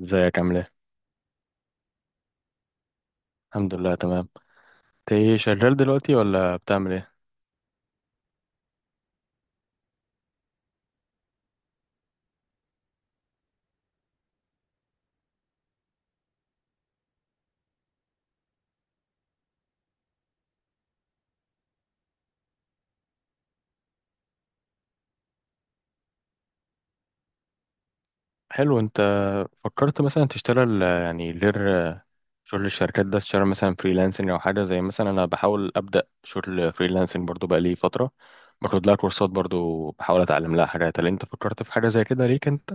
ازيك عامل ايه؟ الحمد لله تمام. انت ايه شغال دلوقتي ولا بتعمل ايه؟ حلو. انت فكرت مثلا تشتغل آه، يعني غير آه، شغل الشركات ده، تشتغل مثلا فريلانسنج او حاجه؟ زي مثلا انا بحاول ابدا شغل فريلانسنج برضو، بقالي فتره باخد لها كورسات، برضو بحاول اتعلم لها حاجات. هل انت فكرت في حاجه زي كده ليك انت؟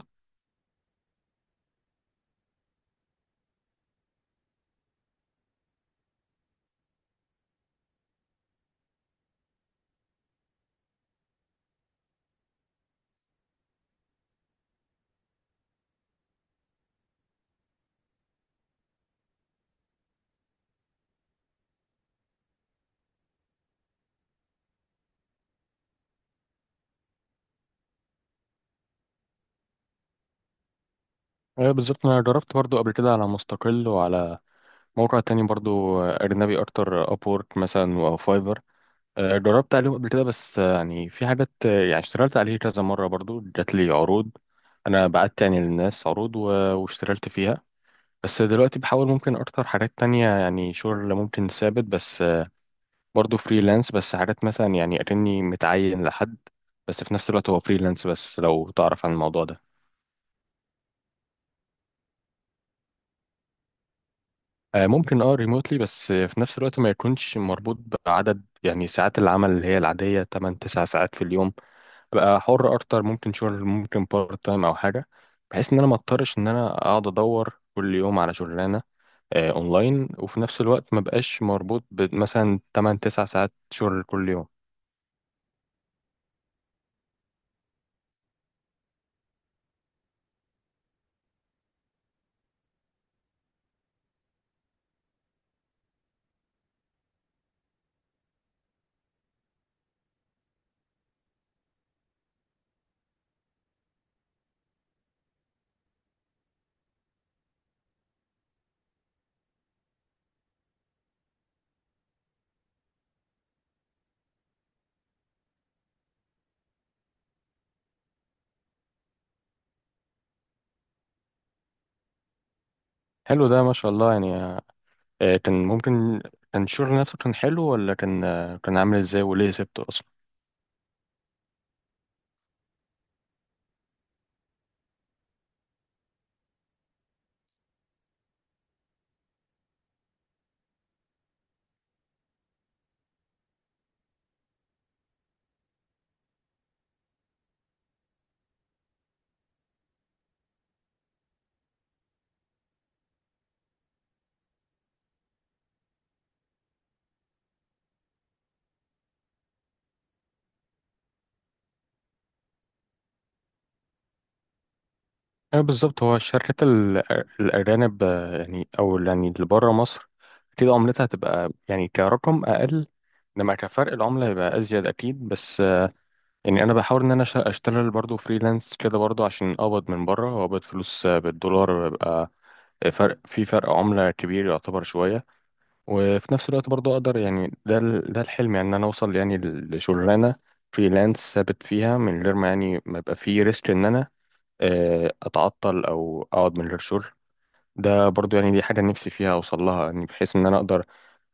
ايه بالظبط، انا جربت برضو قبل كده على مستقل وعلى موقع تاني برضو، اجنبي اكتر، ابورك مثلا او فايفر. جربت عليهم قبل كده، بس يعني في حاجات يعني اشتغلت عليه كذا مرة، برضو جات لي عروض. أنا بعت يعني للناس عروض واشتغلت فيها. بس دلوقتي بحاول ممكن أكتر حاجات تانية، يعني شغل ممكن ثابت، بس برضو فريلانس، بس حاجات مثلا يعني أكني متعين لحد، بس في نفس الوقت هو فريلانس. بس لو تعرف عن الموضوع ده، ممكن اه ريموتلي، بس في نفس الوقت ما يكونش مربوط بعدد يعني ساعات العمل اللي هي العادية، 8 9 ساعات في اليوم. ابقى حر اكتر، ممكن شغل ممكن بارت تايم او حاجه، بحيث ان انا ما اضطرش ان انا اقعد ادور كل يوم على شغلانه اونلاين، وفي نفس الوقت ما بقاش مربوط بمثلا 8 9 ساعات شغل كل يوم. حلو ده، ما شاء الله يعني. كان ممكن، كان الشغل نفسه كان حلو ولا كان كان عامل ازاي؟ وليه سبته اصلا؟ بالظبط، هو الشركات الاجانب، يعني او يعني اللي بره مصر، اكيد عملتها هتبقى يعني كرقم اقل، لما كفرق العملة هيبقى أزيد أكيد. بس يعني انا بحاول ان انا اشتغل برضو فريلانس كده برضو، عشان اقبض من بره واقبض فلوس بالدولار، بيبقى فرق في فرق عملة كبير يعتبر شوية. وفي نفس الوقت برضو اقدر يعني، ده ده الحلم يعني، ان انا اوصل يعني لشغلانة فريلانس ثابت فيها، من غير ما يعني ما يبقى في ريسك ان انا اتعطل او اقعد من غير شغل. ده برضو يعني دي حاجة نفسي فيها اوصل لها، يعني بحيث ان انا اقدر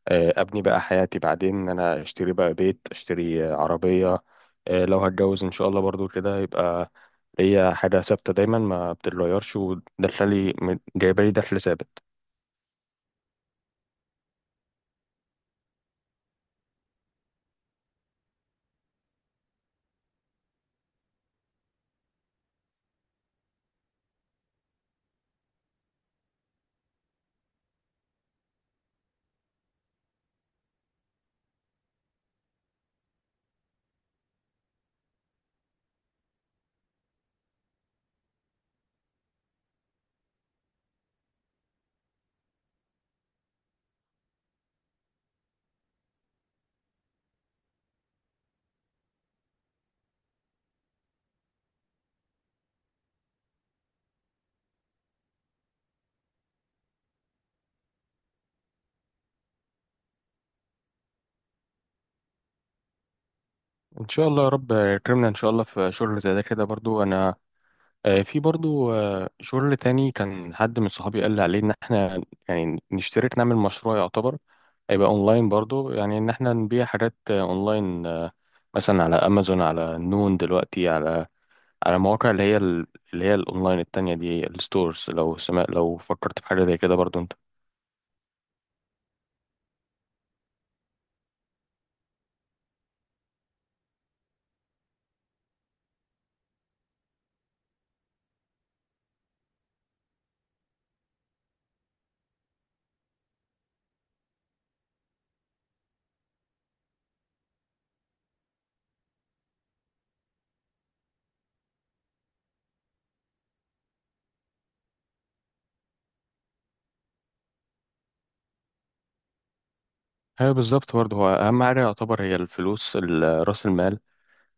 ابني بقى حياتي بعدين، ان انا اشتري بقى بيت، اشتري عربية، لو هتجوز ان شاء الله برضو كده، يبقى هي حاجة ثابتة دايما ما بتتغيرش، ودخلي جايبالي دخل ثابت. ان شاء الله يا رب يكرمنا ان شاء الله في شغل زي ده كده برضو. انا في برضو شغل تاني، كان حد من صحابي قال لي عليه ان احنا يعني نشترك نعمل مشروع يعتبر هيبقى اونلاين برضو، يعني ان احنا نبيع حاجات اونلاين، مثلا على امازون، على نون دلوقتي، على على مواقع اللي هي اللي هي الاونلاين التانية دي، الستورز. لو سمع لو فكرت في حاجة زي كده برضو انت؟ هي بالظبط برضو، هو اهم حاجة يعتبر هي الفلوس، راس المال،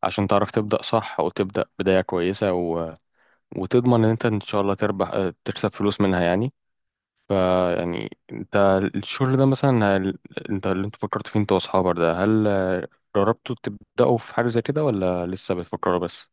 عشان تعرف تبدأ صح وتبدأ بداية كويسة، وتضمن ان انت ان شاء الله تربح، اه، تكسب فلوس منها يعني. فيعني انت الشغل ده مثلا، انت اللي انت فكرت فيه انت واصحابك ده، هل اه، جربتوا تبدأوا في حاجة زي كده ولا لسه بتفكروا بس؟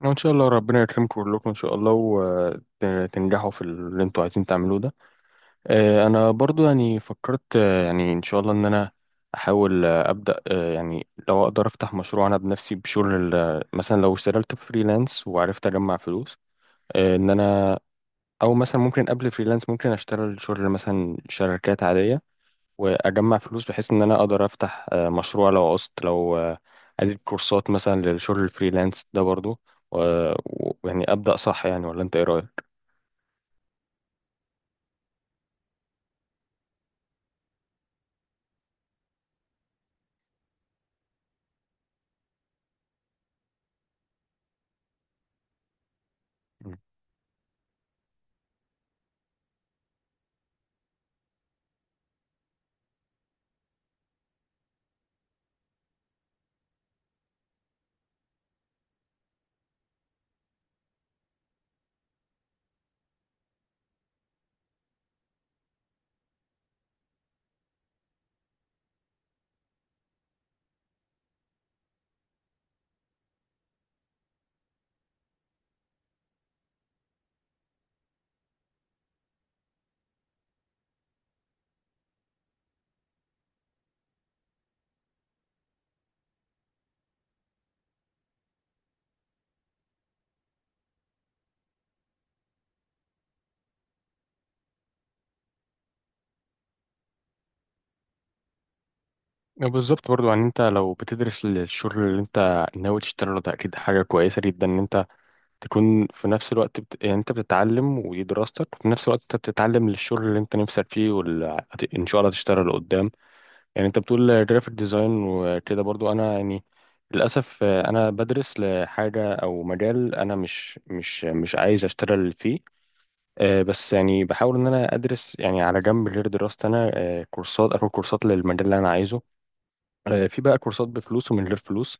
وإن شاء الله ربنا يكرمكم كلكم إن شاء الله، وتنجحوا في اللي أنتوا عايزين تعملوه ده. أنا برضو يعني فكرت، يعني إن شاء الله إن أنا أحاول أبدأ، يعني لو أقدر أفتح مشروع أنا بنفسي بشغل مثلا لو اشتغلت فريلانس وعرفت أجمع فلوس، إن أنا أو مثلا ممكن قبل فريلانس ممكن أشتغل شغل مثلا شركات عادية، واجمع فلوس بحيث ان انا اقدر افتح مشروع لو عوزت، لو اديت كورسات مثلا للشغل الفريلانس ده برضو. ويعني ابدا صح يعني، ولا انت ايه رايك؟ مم. بالظبط، برضو يعني انت لو بتدرس للشغل اللي انت ناوي تشتغله ده، اكيد حاجه كويسه جدا ان انت تكون في نفس الوقت يعني انت بتتعلم ودي دراستك، وفي نفس الوقت انت بتتعلم للشغل اللي انت نفسك فيه ان شاء الله تشتغل. يعني انت بتقول جرافيك ديزاين وكده، برضو انا يعني للاسف انا بدرس لحاجه او مجال انا مش عايز اشتغل فيه. بس يعني بحاول ان انا ادرس يعني على جنب غير دراستي انا، كورسات، اخد كورسات للمجال اللي انا عايزه. في بقى كورسات بفلوس ومن غير فلوس.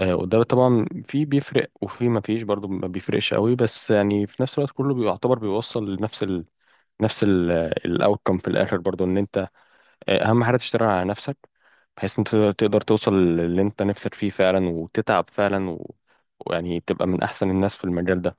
وده طبعا في بيفرق وفي ما فيش، برضو ما بيفرقش قوي، بس يعني في نفس الوقت كله بيعتبر بيوصل لنفس نفس الاوتكم في الاخر، برضو ان انت اهم حاجه تشتغل على نفسك، بحيث انت تقدر توصل للي انت نفسك فيه فعلا وتتعب فعلا ويعني تبقى من احسن الناس في المجال ده.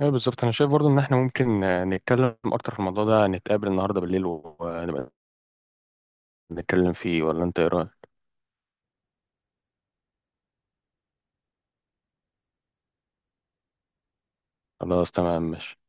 ايوه بالظبط، انا شايف برضو ان احنا ممكن نتكلم اكتر في الموضوع ده، نتقابل النهارده بالليل ونبقى نتكلم فيه، ولا انت ايه رايك؟ خلاص تمام ماشي.